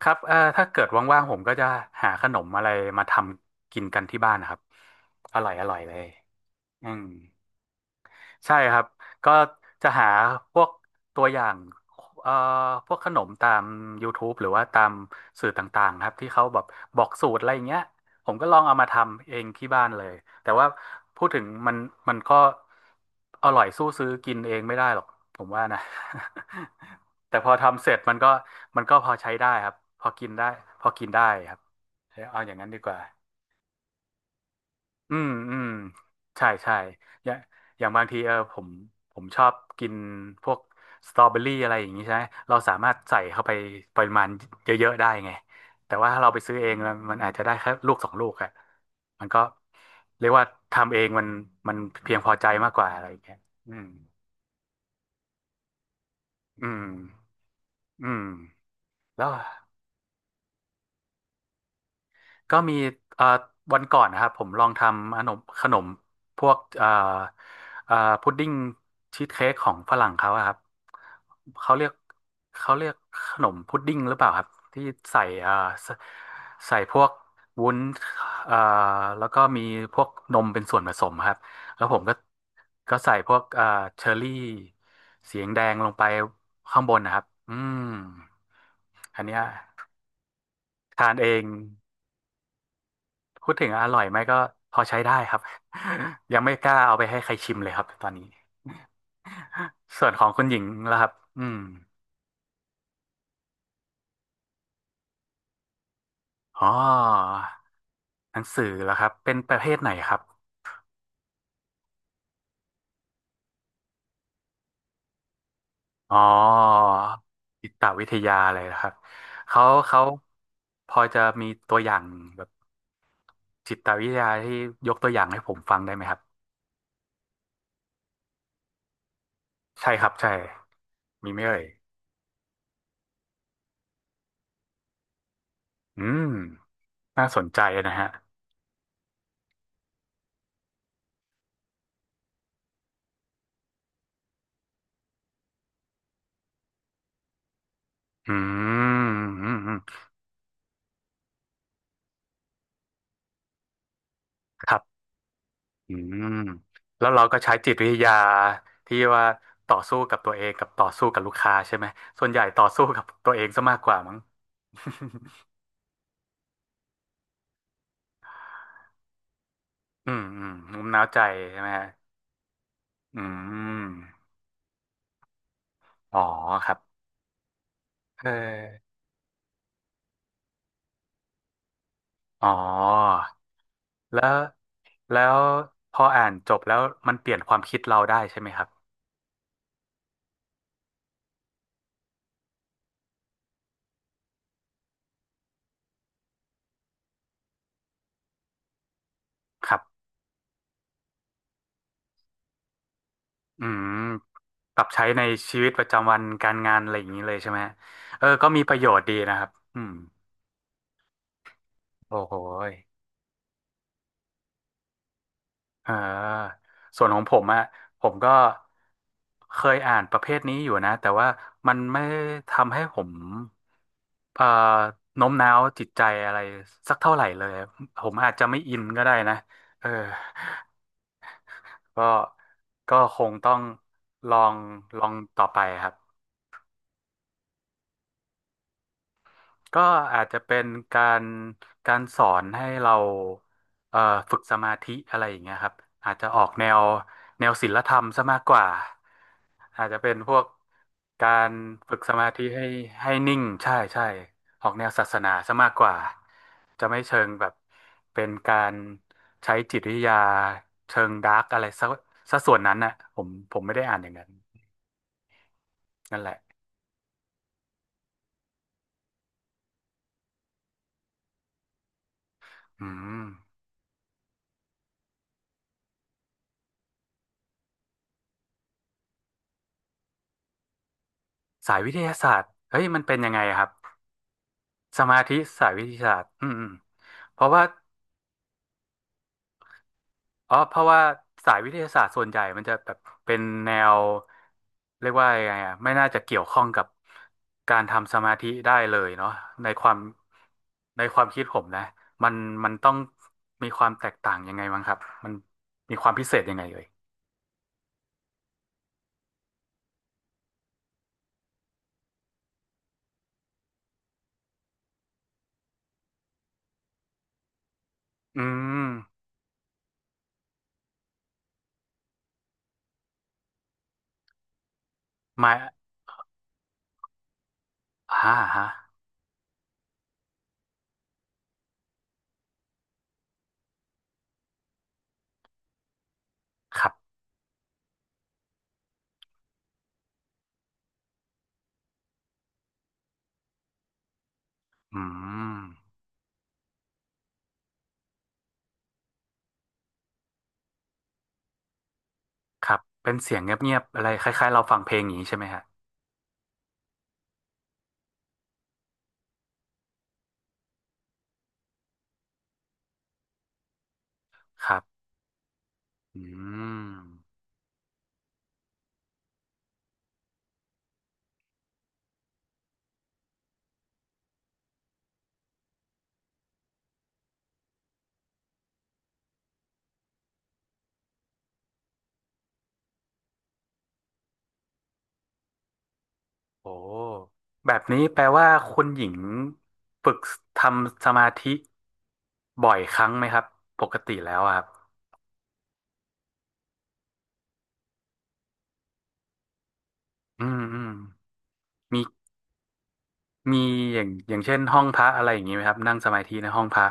ครับถ้าเกิดว่างๆผมก็จะหาขนมอะไรมาทำกินกันที่บ้านนะครับ อร่อยอร่อยเลยอืม ใช่ครับก็จะหาพวกตัวอย่างเอ่อพวกขนมตาม YouTube หรือว่าตามสื่อต่างๆครับที่เขาแบบบอกสูตรอะไรอย่างเงี้ยผมก็ลองเอามาทำเองที่บ้านเลยแต่ว่าพูดถึงมันก็อร่อยสู้ซื้อกินเองไม่ได้หรอกผมว่านะ แต่พอทำเสร็จมันก็พอใช้ได้ครับพอกินได้พอกินได้ครับเอาอย่างนั้นดีกว่า อืมอืมใช่ใช่อย่างอย่างบางทีเออผมชอบกินพวกสตรอเบอรี่อะไรอย่างนี้ใช่ไหมเราสามารถใส่เข้าไปปริมาณเยอะๆได้ไงแต่ว่าถ้าเราไปซื้อเองมันอาจจะได้แค่ลูกสองลูกอะมันก็เรียกว่าทำเองมันเพียงพอใจมากกว่าอะไรอย่างเงี้ยอืมอืมอืมแล้ว ก็มีเอ่อวันก่อนนะครับผมลองทำขนมพวกเอ่อพุดดิ้งชีสเค้กของฝรั่งเขาอะครับเขาเรียกเขาเรียกขนมพุดดิ้งหรือเปล่าครับที่ใส่ใส่ใส่พวกวุ้นเอ่อแล้วก็มีพวกนมเป็นส่วนผสมครับแล้วผมก็ใส่พวกเชอร์รี่สีแดงๆลงไปข้างบนนะครับอืมอันเนี้ยทานเอง พูดถึงอร่อยไหมก็พอใช้ได้ครับ ยังไม่กล้าเอาไปให้ใครชิมเลยครับตอนนี้ส่วนของคุณหญิงล่ะครับอืมอ๋อหนังสือเหรครับเป็นประเภทไหนครับอ๋อจิตวิทยาเลยนะครับเขาพอจะมีตัวอย่างแบบจิตวิทยาที่ยกตัวอย่างให้ผมฟังได้ไหมครับใช่ครับใช่มีไหมเอ่ยอืมน่าสนใจนะฮะอืมอืมอืมครับ อืมแล้วเราก็ใช้จิตวิทยาที่ว่าต่อสู้กับตัวเองกับต่อสู้กับลูกค้าใช่ไหมส่วนใหญ่ต่อสู้กับตัวเองซะมากกว่ามั้ง อืมอืมงุ้มน้าวใจใช่ไหมฮะอืมอ๋อครับเอออ๋อแล้วแล้วพออ่านจบแล้วมันเปลี่ยนความคิดเราได้ใช่ไหมครับครับอืมปรับใช้ในชีวิตประจำวันการงานอะไรอย่างนี้เลยใช่ไหมฮะเออก็มีประโยชน์ดีนะครับอืมโอ้โห อ่าส่วนของผมอะผมก็เคยอ่านประเภทนี้อยู่นะแต่ว่ามันไม่ทำให้ผมเอ่อโน้มน้าวจิตใจอะไรสักเท่าไหร่เลยผมอาจจะไม่อินก็ได้นะเออก็ก็คงต้องลองลองต่อไปครับ ก็อาจจะเป็นการการสอนให้เราเอ่อฝึกสมาธิอะไรอย่างเงี้ยครับอาจจะออกแนวศีลธรรมซะมากกว่าอาจจะเป็นพวกการฝึกสมาธิให้นิ่งใช่ใช่ออกแนวศาสนาซะมากกว่าจะไม่เชิงแบบเป็นการใช้จิตวิทยาเชิงดาร์กอะไรซะส่วนนั้นน่ะผมไม่ได้อ่านอย่างนั้นนั่นแหละอืมสายวิทยาศาสตร์เฮ้ยมันเป็นยังไงครับ สมาธิสายวิทยาศาสตร์อืมอืมเพราะว่าอ๋อเพราะว่าสายวิทยาศาสตร์ส่วนใหญ่มันจะแบบเป็นแนวเรียกว่ายังไงอะไม่น่าจะเกี่ยวข้องกับการทำสมาธิได้เลยเนาะในความในความคิดผมนะมันมันต้องมีความแตกต่างยังไงบ้างครับมันมีความพิเศษยังไงเอ่ยอืมหมายอ่าฮะครับอืมครับเป็นเสียงเงียบๆอะไรคล้ายๆเราฟังเพลงอย่างนี้ใช่ไหมฮะครับอืม โอ้แบบนี้แปลว่าคุณหญิงฝึกทำสมาธิบ่อยครั้งไหมครับปกติแล้วอะครับอืมอืมมีมีอย่างอย่างเช่นห้องพระอะไรอย่างนี้ไหมครับนั่งสมาธิในห้องพระ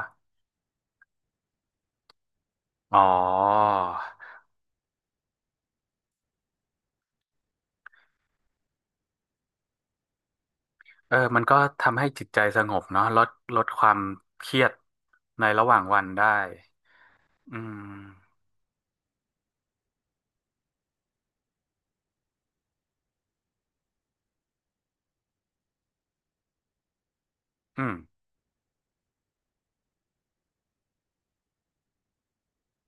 อ๋อเออมันก็ทำให้จิตใจสงบเนาะลดความเครียดในระหว่างวันได้อืมอืม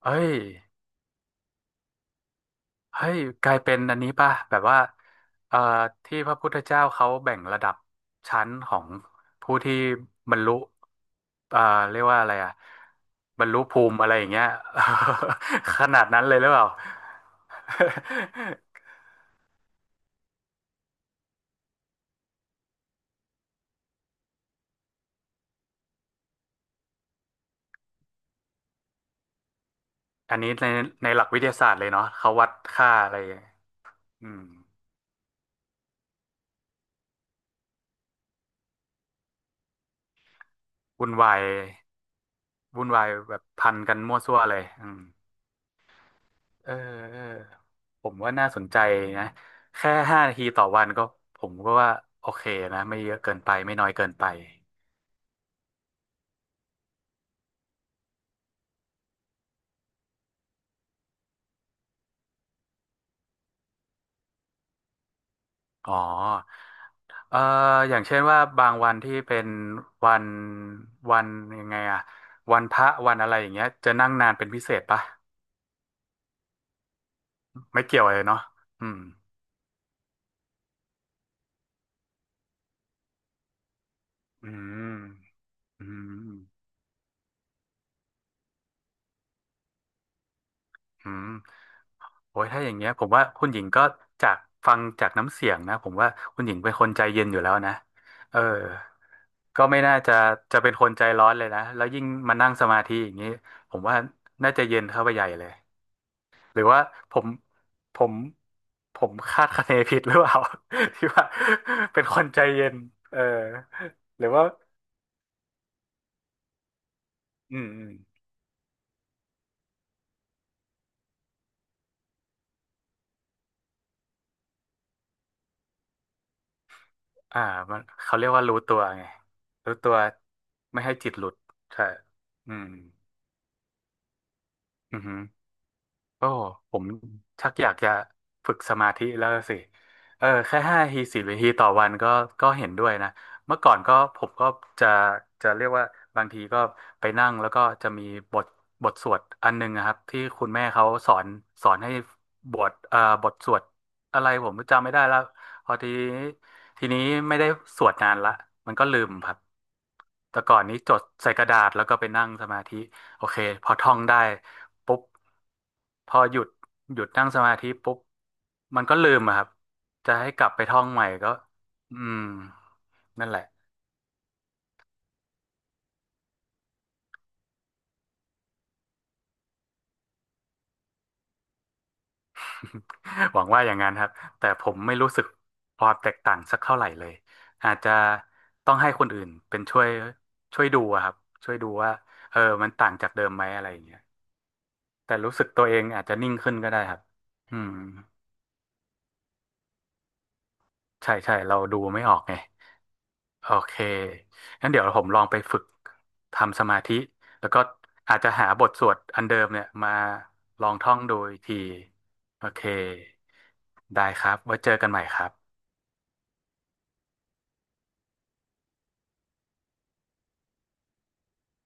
เอ้ย เฮ้ยกลายเป็นอันนี้ป่ะแบบว่าเอ่อที่พระพุทธเจ้าเขาแบ่งระดับชั้นของผู้ที่บรรลุเอ่อเรียกว่าอะไรอ่ะบรรลุภูมิอะไรอย่างเงี้ย ขนาดนั้นเลยหรือเปล่า อันนี้ในในหลักวิทยาศาสตร์เลยเนาะเขาวัดค่าอะไรอืมวุ่นวายวุ่นวายแบบพันกันมั่วซั่วเลยอืม เออเออผมว่าน่าสนใจนะแค่5 นาทีต่อวันก็ผมก็ว่าโอเคนะไม่เยอะเกินไปไม่น้อยเกินไปอ๋อเอ่ออย่างเช่นว่าบางวันที่เป็นวันวันยังไงอะวันพระวันอะไรอย่างเงี้ยจะนั่งนานเป็นพิเศษปะไม่เกี่ยวเลยเนาะอืมอืมอืมอืมโอ้ยถ้าอย่างเงี้ยผมว่าคุณหญิงก็จากฟังจากน้ำเสียงนะผมว่าคุณหญิงเป็นคนใจเย็นอยู่แล้วนะเออ ก็ไม่น่าจะจะเป็นคนใจร้อนเลยนะแล้วยิ่งมานั่งสมาธิอย่างนี้ผมว่าน่าจะเย็นเข้าไปใหญ่เลยหรือว่าผมผมผมคาดคะเนผิดหรือเปล่า ที่ว่าเป็นคนใจเย็นเออหรือว่าอืมอืมอ่ามันเขาเรียกว่ารู้ตัวไงรู้ตัวไม่ให้จิตหลุดใช่อืมอือฮึ ก็ผมชักอยากจะฝึกสมาธิแล้วสิเออแค่ห้าทีสิบนาทีต่อวันก็เห็นด้วยนะเมื่อก่อนก็ผมก็จะจะเรียกว่าบางทีก็ไปนั่งแล้วก็จะมีบทบทสวดอันหนึงนะครับที่คุณแม่เขาสอนสอนให้บทสวดอะไรผมจำไม่ได้แล้วพอทีนี้ไม่ได้สวดนานละมันก็ลืมครับแต่ก่อนนี้จดใส่กระดาษแล้วก็ไปนั่งสมาธิ โอเคพอท่องได้ปุ๊บพอหยุดนั่งสมาธิปุ๊บมันก็ลืมอะครับจะให้กลับไปท่องใหม่ก็อืมนั่นแหละ หวังว่าอย่างนั้นครับแต่ผมไม่รู้สึกความแตกต่างสักเท่าไหร่เลยอาจจะต้องให้คนอื่นเป็นช่วยดูอะครับช่วยดูว่าเออมันต่างจากเดิมไหมอะไรอย่างเงี้ยแต่รู้สึกตัวเองอาจจะนิ่งขึ้นก็ได้ครับอืมใช่ใช่เราดูไม่ออกไง โอเคงั้นเดี๋ยวผมลองไปฝึกทำสมาธิ แล้วก็อาจจะหาบทสวดอันเดิมเนี่ยมาลองท่องดูอีกทีโอเคได้ครับไว้เจอกันใหม่ครับ